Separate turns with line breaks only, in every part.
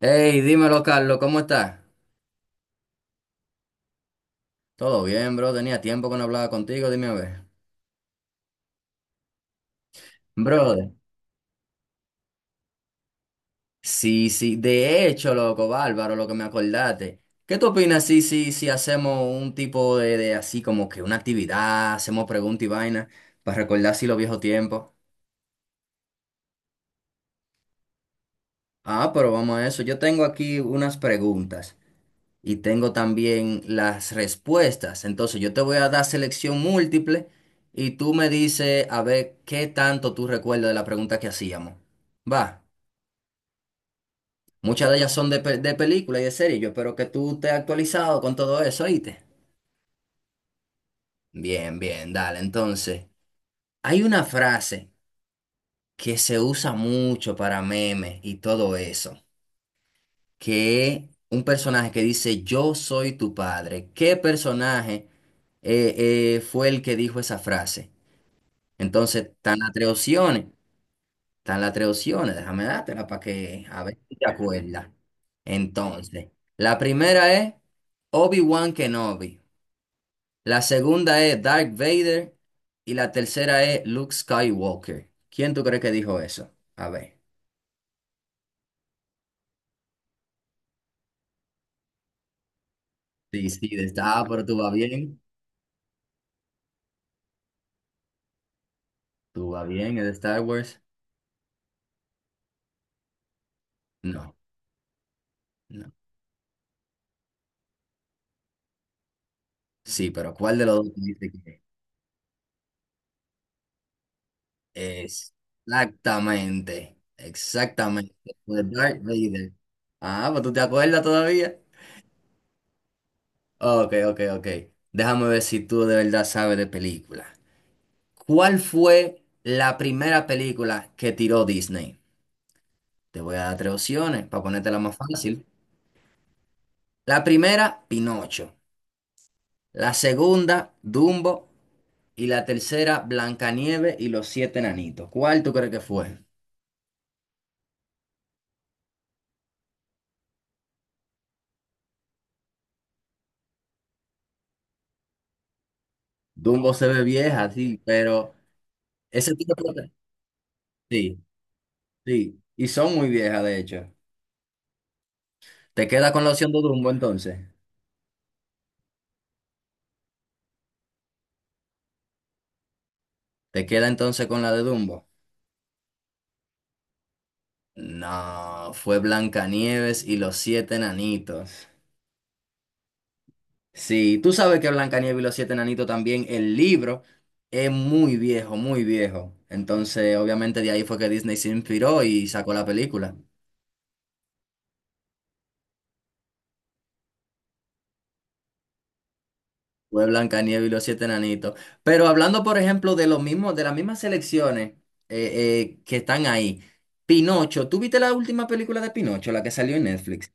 Hey, dímelo, Carlos, ¿cómo estás? Todo bien, bro. Tenía tiempo que no hablaba contigo, dime a ver. Brother. Sí, sí. De hecho, loco, bárbaro, lo que me acordaste. ¿Qué tú opinas si hacemos un tipo de así como que una actividad, hacemos preguntas y vainas para recordar así los viejos tiempos? Ah, pero vamos a eso. Yo tengo aquí unas preguntas. Y tengo también las respuestas. Entonces yo te voy a dar selección múltiple y tú me dices a ver qué tanto tú recuerdas de la pregunta que hacíamos. Va, muchas de ellas son de, de película y de serie. Yo espero que tú estés actualizado con todo eso, ¿oíste? Bien, bien, dale. Entonces, hay una frase que se usa mucho para memes y todo eso, que es un personaje que dice, yo soy tu padre. ¿Qué personaje eh, fue el que dijo esa frase? Entonces, están las tres opciones, déjame dártela para que a ver si te acuerdas. Entonces, la primera es Obi-Wan Kenobi, la segunda es Darth Vader y la tercera es Luke Skywalker. ¿Quién tú crees que dijo eso? A ver. Sí, sí, pero tú vas bien, es de Star Wars. No, no. Sí, pero ¿cuál de los dos tú dices? Exactamente, exactamente. The Dark Vader. Ah, pues tú te acuerdas todavía. Ok, ok, ok. Déjame ver si tú de verdad sabes de películas. ¿Cuál fue la primera película que tiró Disney? Te voy a dar tres opciones para ponértela más fácil. La primera, Pinocho. La segunda, Dumbo. Y la tercera, Blancanieves y los siete enanitos. ¿Cuál tú crees que fue? Dumbo se ve vieja, sí, pero ese tipo de... Sí. Sí, y son muy viejas, de hecho. ¿Te queda con la opción de Dumbo entonces? ¿Te queda entonces con la de Dumbo? No, fue Blancanieves y los siete enanitos. Sí, tú sabes que Blancanieves y los siete enanitos también, el libro es muy viejo, muy viejo. Entonces, obviamente de ahí fue que Disney se inspiró y sacó la película. Fue Blancanieves y los siete enanitos. Pero hablando, por ejemplo, de los mismos, de las mismas selecciones que están ahí. Pinocho, ¿tú viste la última película de Pinocho, la que salió en Netflix?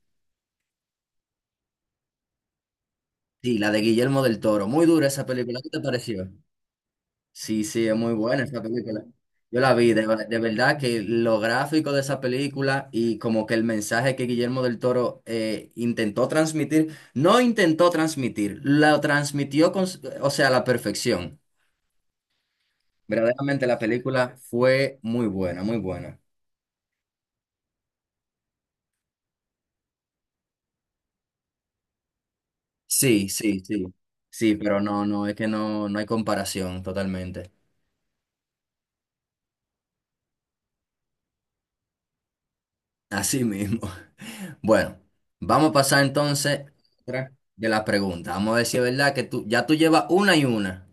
Sí, la de Guillermo del Toro. Muy dura esa película. ¿Qué te pareció? Sí, sí, es muy buena esa película. Yo la vi, de verdad que lo gráfico de esa película y como que el mensaje que Guillermo del Toro intentó transmitir, no intentó transmitir, lo transmitió o sea, a la perfección. Verdaderamente la película fue muy buena, muy buena. Sí, sí, sí. Sí, pero no, no, es que no, no hay comparación totalmente. Así mismo. Bueno, vamos a pasar entonces a otra de las preguntas. Vamos a ver si es verdad que tú, ya tú llevas una y una.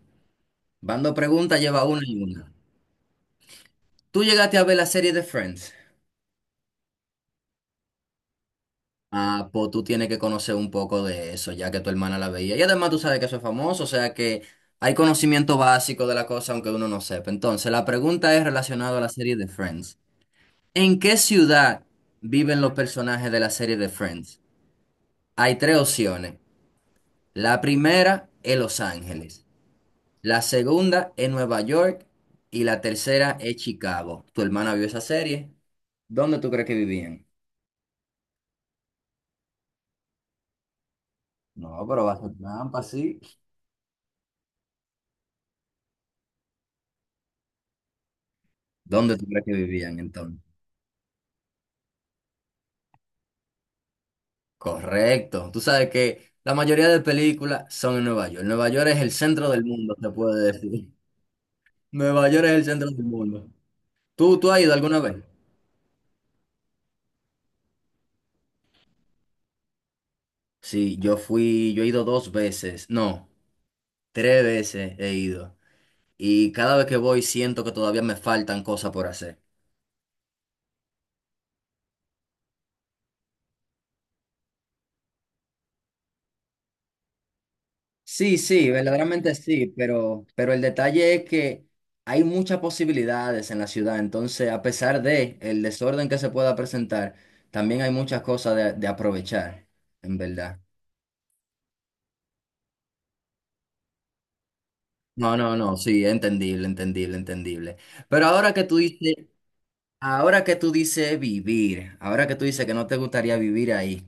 Bando preguntas, lleva una y una. ¿Tú llegaste a ver la serie de Friends? Ah, pues tú tienes que conocer un poco de eso, ya que tu hermana la veía. Y además tú sabes que eso es famoso, o sea que hay conocimiento básico de la cosa, aunque uno no sepa. Entonces, la pregunta es relacionada a la serie de Friends. ¿En qué ciudad viven los personajes de la serie de Friends? Hay tres opciones. La primera es Los Ángeles, la segunda es Nueva York y la tercera es Chicago. ¿Tu hermana vio esa serie? ¿Dónde tú crees que vivían? No, pero va a ser trampa, sí. ¿Dónde tú crees que vivían entonces? Correcto. Tú sabes que la mayoría de películas son en Nueva York. Nueva York es el centro del mundo, se puede decir. Nueva York es el centro del mundo. ¿Tú has ido alguna vez? Sí, yo fui, yo he ido dos veces, no, tres veces he ido. Y cada vez que voy siento que todavía me faltan cosas por hacer. Sí, sí, verdaderamente sí, pero el detalle es que hay muchas posibilidades en la ciudad, entonces a pesar de el desorden que se pueda presentar, también hay muchas cosas de aprovechar, en verdad. No, no, no, sí, entendible, entendible, entendible. Pero ahora que tú dices, ahora que tú dices que no te gustaría vivir ahí.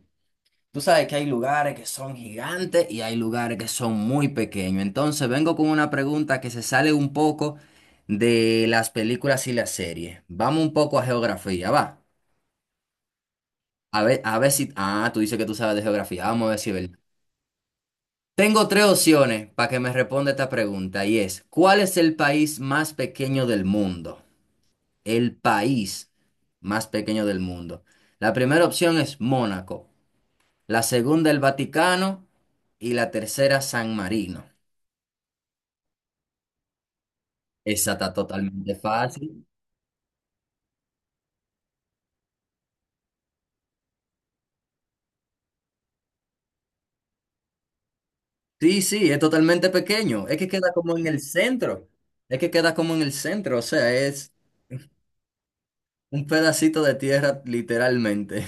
Tú sabes que hay lugares que son gigantes y hay lugares que son muy pequeños. Entonces vengo con una pregunta que se sale un poco de las películas y las series. Vamos un poco a geografía, va. A ver si... Ah, tú dices que tú sabes de geografía. Vamos a ver si es verdad. Tengo tres opciones para que me responda esta pregunta y es, ¿cuál es el país más pequeño del mundo? El país más pequeño del mundo. La primera opción es Mónaco, la segunda el Vaticano y la tercera San Marino. Esa está totalmente fácil. Sí, sí, es totalmente pequeño. Es que queda como en el centro. Es que queda como en el centro. O sea, es un pedacito de tierra literalmente,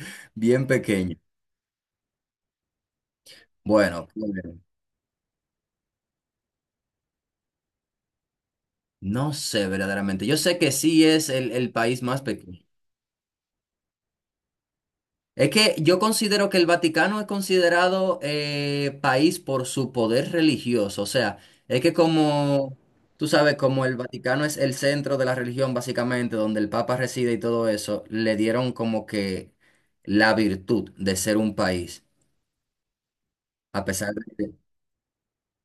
bien pequeño. Bueno, pues, no sé verdaderamente. Yo sé que sí es el país más pequeño. Es que yo considero que el Vaticano es considerado país por su poder religioso. O sea, es que como, tú sabes, como el Vaticano es el centro de la religión, básicamente, donde el Papa reside y todo eso, le dieron como que la virtud de ser un país, a pesar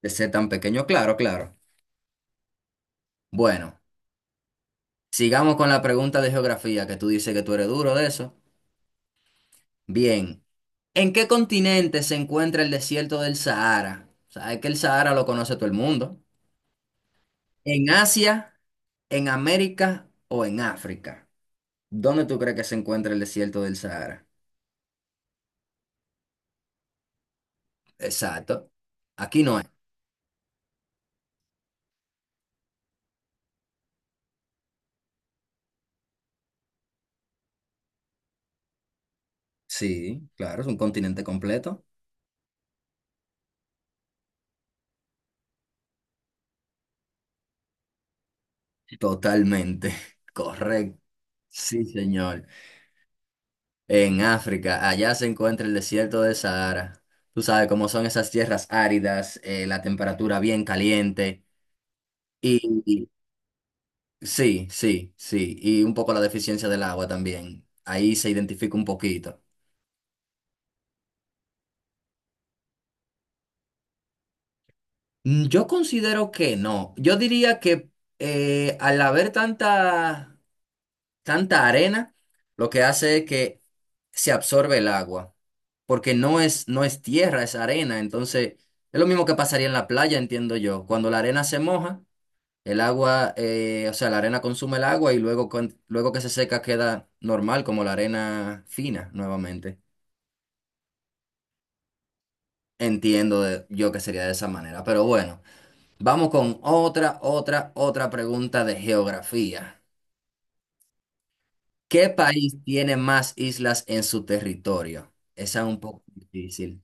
de ser tan pequeño. Claro, claro. Bueno, sigamos con la pregunta de geografía, que tú dices que tú eres duro de eso. Bien. ¿En qué continente se encuentra el desierto del Sahara? Sabes que el Sahara lo conoce todo el mundo. ¿En Asia, en América o en África? ¿Dónde tú crees que se encuentra el desierto del Sahara? Exacto. Aquí no es. Sí, claro, es un continente completo. Totalmente. Correcto. Sí, señor. En África, allá se encuentra el desierto del Sahara. Tú sabes cómo son esas tierras áridas, la temperatura bien caliente. Y, sí, sí, sí. Y un poco la deficiencia del agua también. Ahí se identifica un poquito. Mm, yo considero que no. Yo diría que al haber tanta, tanta arena, lo que hace es que se absorbe el agua. Porque no es, no es tierra, es arena. Entonces, es lo mismo que pasaría en la playa, entiendo yo. Cuando la arena se moja, el agua, o sea, la arena consume el agua y luego que se seca queda normal, como la arena fina nuevamente. Entiendo yo que sería de esa manera, pero bueno, vamos con otra pregunta de geografía. ¿Qué país tiene más islas en su territorio? Esa es un poco difícil.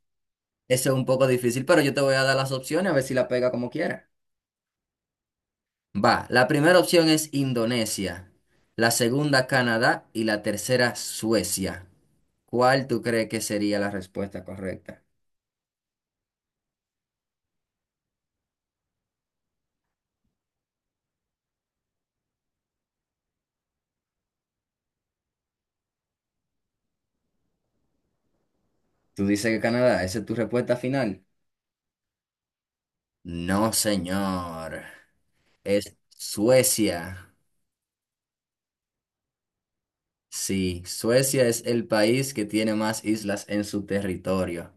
Esa es un poco difícil, pero yo te voy a dar las opciones a ver si la pega como quiera. Va, la primera opción es Indonesia, la segunda Canadá y la tercera Suecia. ¿Cuál tú crees que sería la respuesta correcta? Tú dices que Canadá, ¿esa es tu respuesta final? No, señor. Es Suecia. Sí, Suecia es el país que tiene más islas en su territorio.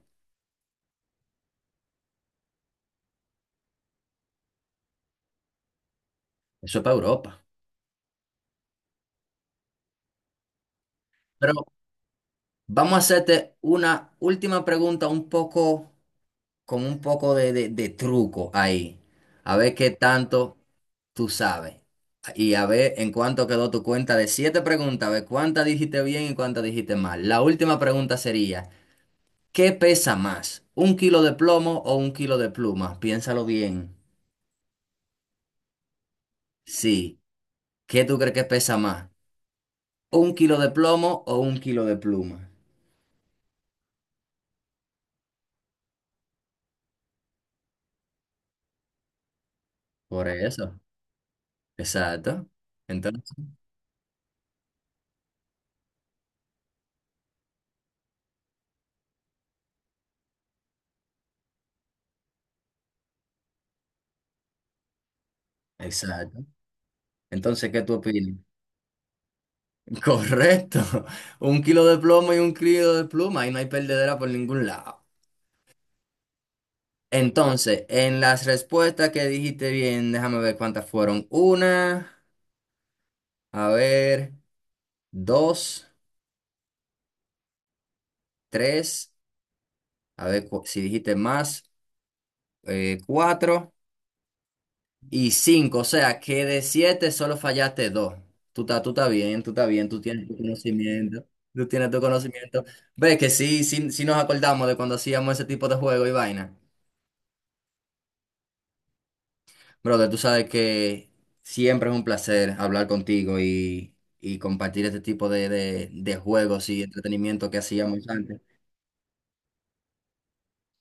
Eso es para Europa. Pero vamos a hacerte una última pregunta un poco, con un poco de truco ahí. A ver qué tanto tú sabes. Y a ver en cuánto quedó tu cuenta de siete preguntas, a ver cuántas dijiste bien y cuántas dijiste mal. La última pregunta sería, ¿qué pesa más? ¿Un kilo de plomo o un kilo de pluma? Piénsalo bien. Sí. ¿Qué tú crees que pesa más? ¿Un kilo de plomo o un kilo de pluma? Por eso. Exacto. Entonces, exacto. Entonces, ¿qué tú opinas? Correcto. Un kilo de plomo y un kilo de pluma y no hay perdedera por ningún lado. Entonces, en las respuestas que dijiste bien, déjame ver cuántas fueron. Una, a ver, dos, tres, a ver si dijiste más, cuatro. Y cinco, o sea que de siete solo fallaste dos. Tú estás bien, tú tienes tu conocimiento. Ves que sí, sí, sí nos acordamos de cuando hacíamos ese tipo de juego y vaina. Brother, tú sabes que siempre es un placer hablar contigo y compartir este tipo de juegos y entretenimiento que hacíamos antes.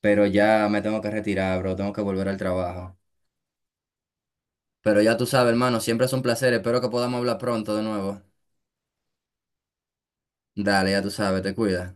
Pero ya me tengo que retirar, bro, tengo que volver al trabajo. Pero ya tú sabes, hermano, siempre es un placer, espero que podamos hablar pronto de nuevo. Dale, ya tú sabes, te cuidas.